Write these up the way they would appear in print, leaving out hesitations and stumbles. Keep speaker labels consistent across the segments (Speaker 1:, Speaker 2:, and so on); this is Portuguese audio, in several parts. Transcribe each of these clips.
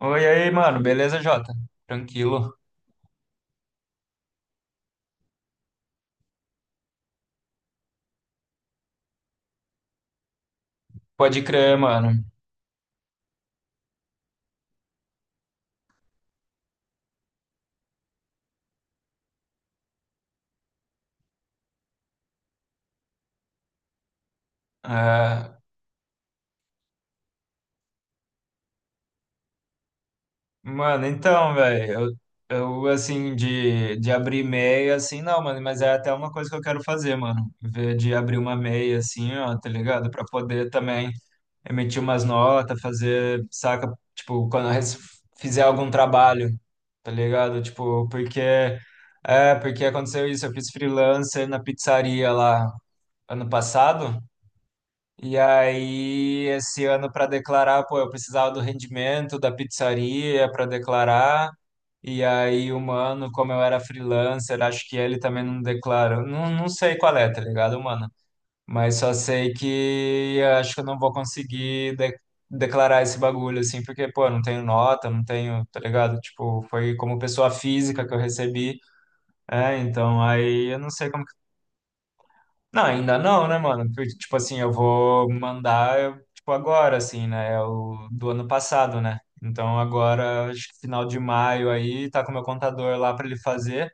Speaker 1: Oi, aí, mano. Beleza, Jota? Tranquilo. Pode crer, mano. Ah, mano, então, velho, eu, eu, assim, de abrir meia, assim, não, mano, mas é até uma coisa que eu quero fazer, mano. Ver de abrir uma meia, assim, ó, tá ligado? Pra poder também emitir umas notas, fazer, saca? Tipo, fizer algum trabalho, tá ligado? Tipo, porque. É, porque aconteceu isso. Eu fiz freelancer na pizzaria lá ano passado. E aí, esse ano para declarar, pô, eu precisava do rendimento da pizzaria para declarar. E aí, o mano, como eu era freelancer, acho que ele também não declarou. Não, não sei qual é, tá ligado, mano? Mas só sei que eu acho que eu não vou conseguir declarar esse bagulho, assim, porque, pô, eu não tenho nota, não tenho, tá ligado? Tipo, foi como pessoa física que eu recebi. É, então aí eu não sei como não, ainda não, né, mano? Porque, tipo assim, eu vou mandar, tipo, agora, assim, né? É o do ano passado, né? Então agora, acho que final de maio aí, tá com o meu contador lá pra ele fazer,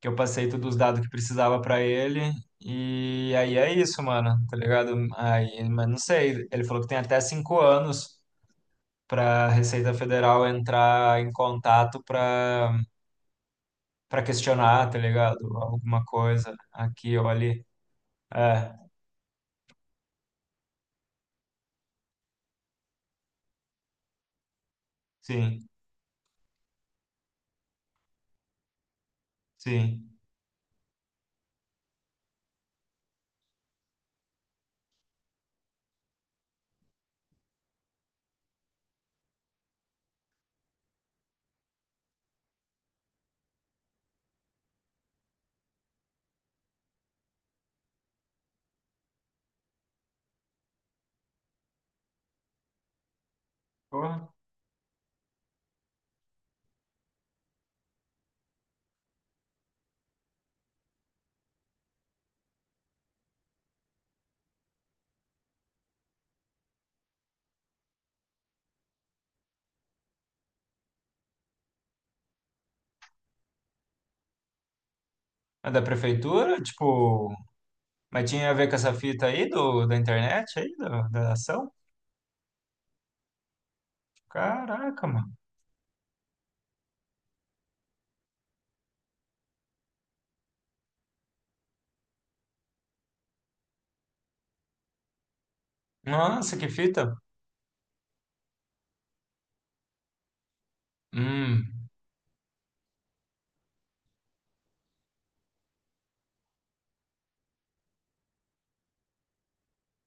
Speaker 1: que eu passei todos os dados que precisava pra ele. E aí é isso, mano, tá ligado? Aí, mas não sei, ele falou que tem até 5 anos pra Receita Federal entrar em contato pra, pra questionar, tá ligado? Alguma coisa aqui ou ali. É, sim, sim. Porra. É da prefeitura? Tipo, mas tinha a ver com essa fita aí do, da internet aí, da, da ação? Caraca, mano. Nossa, que fita. Hum,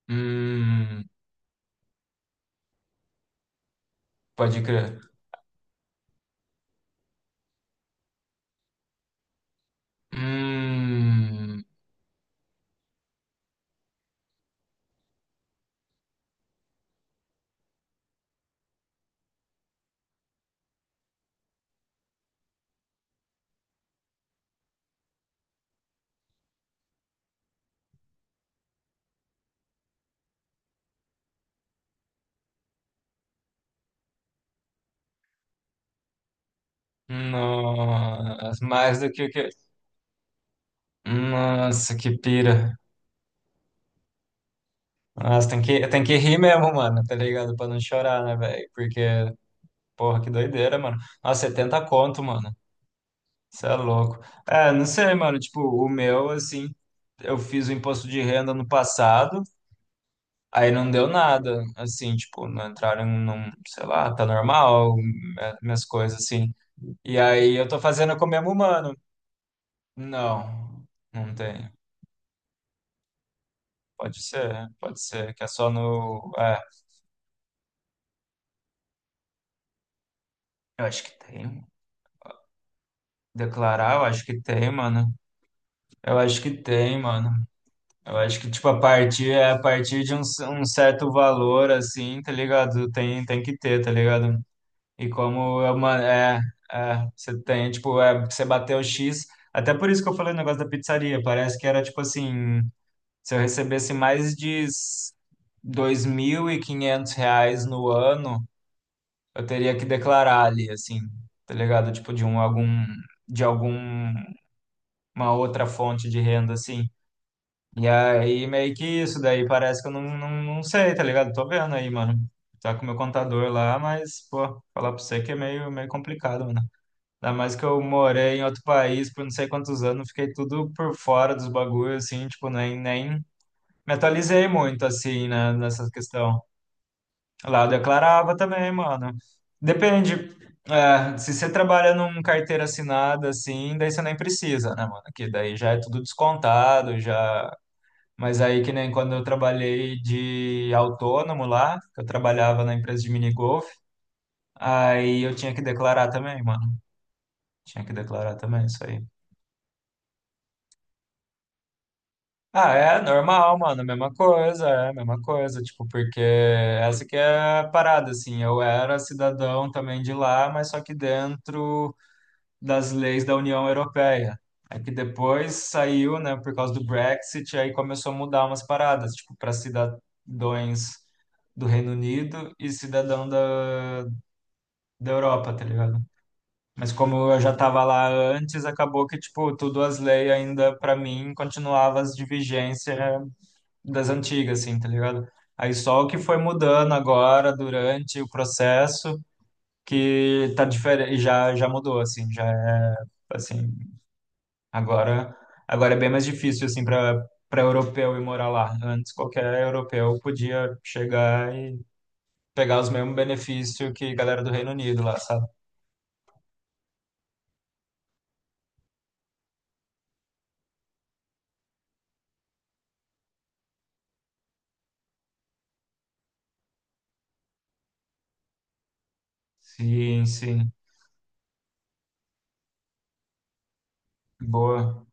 Speaker 1: hum, pode crer. Hum, nossa, mais do que o que. Nossa, que pira. Nossa, tem que rir mesmo, mano, tá ligado? Pra não chorar, né, velho? Porque, porra, que doideira, mano. Nossa, 70 conto, mano. Você é louco. É, não sei, mano. Tipo, o meu, assim, eu fiz o imposto de renda no passado, aí não deu nada. Assim, tipo, não entraram num, sei lá, tá normal, é, minhas coisas, assim. E aí eu tô fazendo com o mesmo humano. Não, não tem. Pode ser, que é só no. É, eu acho que tem. Declarar, eu acho que tem, mano. Eu acho que tem, mano. Eu acho que, tipo, a partir de um, um certo valor, assim, tá ligado? Tem, tem que ter, tá ligado? E como é uma, é, é, você tem, tipo, é, você bateu o X, até por isso que eu falei o negócio da pizzaria, parece que era, tipo, assim, se eu recebesse mais de s- R$ 2.500 no ano, eu teria que declarar ali, assim, tá ligado? Tipo, de um, algum, de alguma outra fonte de renda, assim. E aí, meio que isso, daí parece que eu não, não, não sei, tá ligado? Tô vendo aí, mano. Tá com o meu contador lá, mas, pô, falar pra você que é meio, meio complicado, mano. Ainda mais que eu morei em outro país por não sei quantos anos, fiquei tudo por fora dos bagulhos, assim, tipo, nem, nem me atualizei muito, assim, né, nessa questão. Lá eu declarava também, mano. Depende, é, se você trabalha num carteira assinada, assim, daí você nem precisa, né, mano? Que daí já é tudo descontado, já. Mas aí, que nem quando eu trabalhei de autônomo lá, que eu trabalhava na empresa de minigolf, aí eu tinha que declarar também, mano. Tinha que declarar também isso aí. Ah, é normal, mano, mesma coisa, é mesma coisa, tipo, porque essa que é a parada, assim, eu era cidadão também de lá, mas só que dentro das leis da União Europeia. É que depois saiu, né, por causa do Brexit, aí começou a mudar umas paradas, tipo, para cidadãos do Reino Unido e cidadão da, da Europa, tá ligado? Mas como eu já tava lá antes, acabou que, tipo, tudo as leis ainda, pra mim, continuava as de vigência das antigas, assim, tá ligado? Aí só o que foi mudando agora, durante o processo, que tá diferente, já, já mudou, assim, já é, assim, agora, agora é bem mais difícil, assim, pra, para europeu ir morar lá. Antes, qualquer europeu podia chegar e pegar os mesmos benefícios que a galera do Reino Unido lá, sabe? Sim, sim. Boa.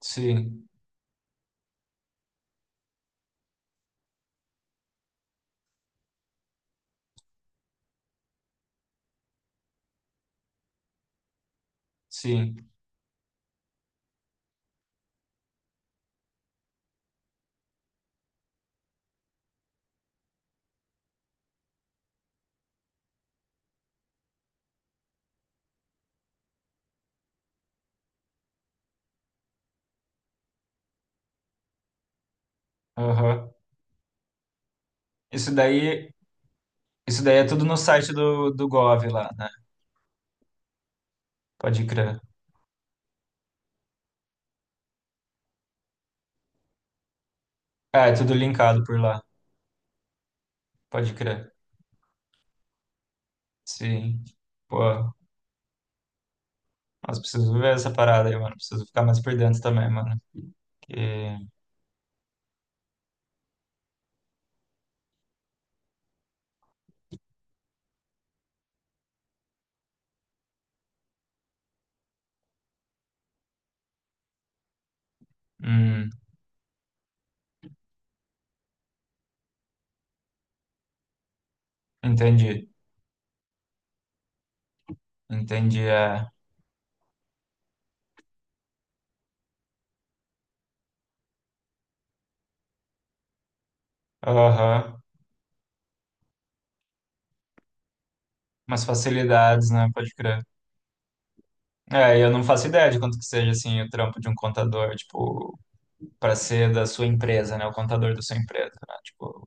Speaker 1: Sim, sim. Aham. Isso daí, isso daí é tudo no site do, do Gov lá, né? Pode crer. Ah, é tudo linkado por lá. Pode crer. Sim. Pô, mas preciso ver essa parada aí, mano. Preciso ficar mais por dentro também, mano. Que... Hum, entendi. Entendi, é. Aham. Umas facilidades, né? Pode crer. É, eu não faço ideia de quanto que seja assim o trampo de um contador, tipo, para ser da sua empresa, né? O contador da sua empresa, né? Tipo,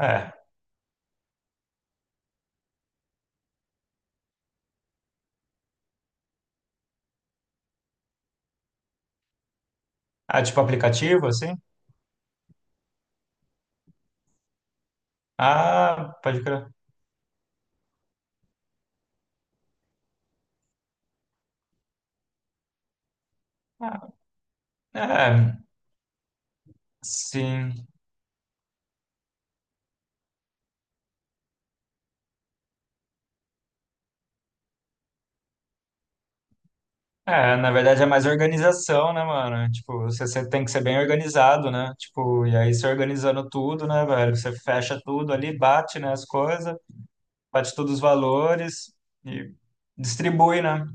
Speaker 1: é. Ah, tipo aplicativo, assim? Ah, pode crer. Ah, é, sim. É, na verdade é mais organização, né, mano? Tipo, você, você tem que ser bem organizado, né? Tipo, e aí você organizando tudo, né, velho? Você fecha tudo ali, bate, né, as coisas, bate todos os valores e distribui, né?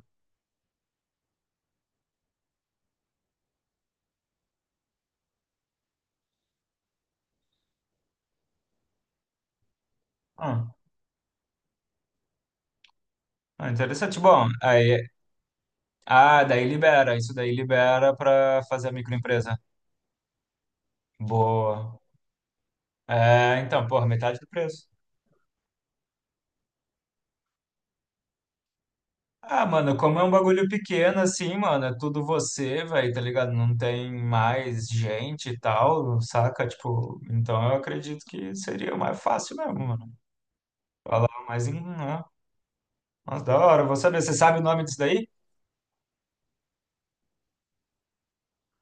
Speaker 1: Ah, ah, interessante. Bom, aí ah, daí libera, isso daí libera pra fazer a microempresa. Boa. É, então, porra, metade do preço. Ah, mano, como é um bagulho pequeno assim, mano, é tudo você, velho, tá ligado? Não tem mais gente e tal, saca? Tipo, então eu acredito que seria mais fácil mesmo, mano. Falar mais em. Ah, nossa, da hora, vou saber. Você sabe o nome disso daí?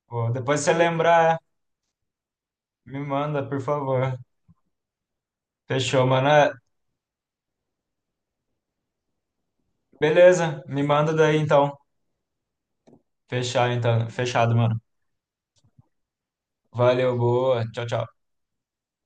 Speaker 1: Pô, depois você lembrar, me manda, por favor. Fechou, mano. É, beleza, me manda daí então. Fechar, então. Fechado, mano. Valeu, boa. Tchau, tchau.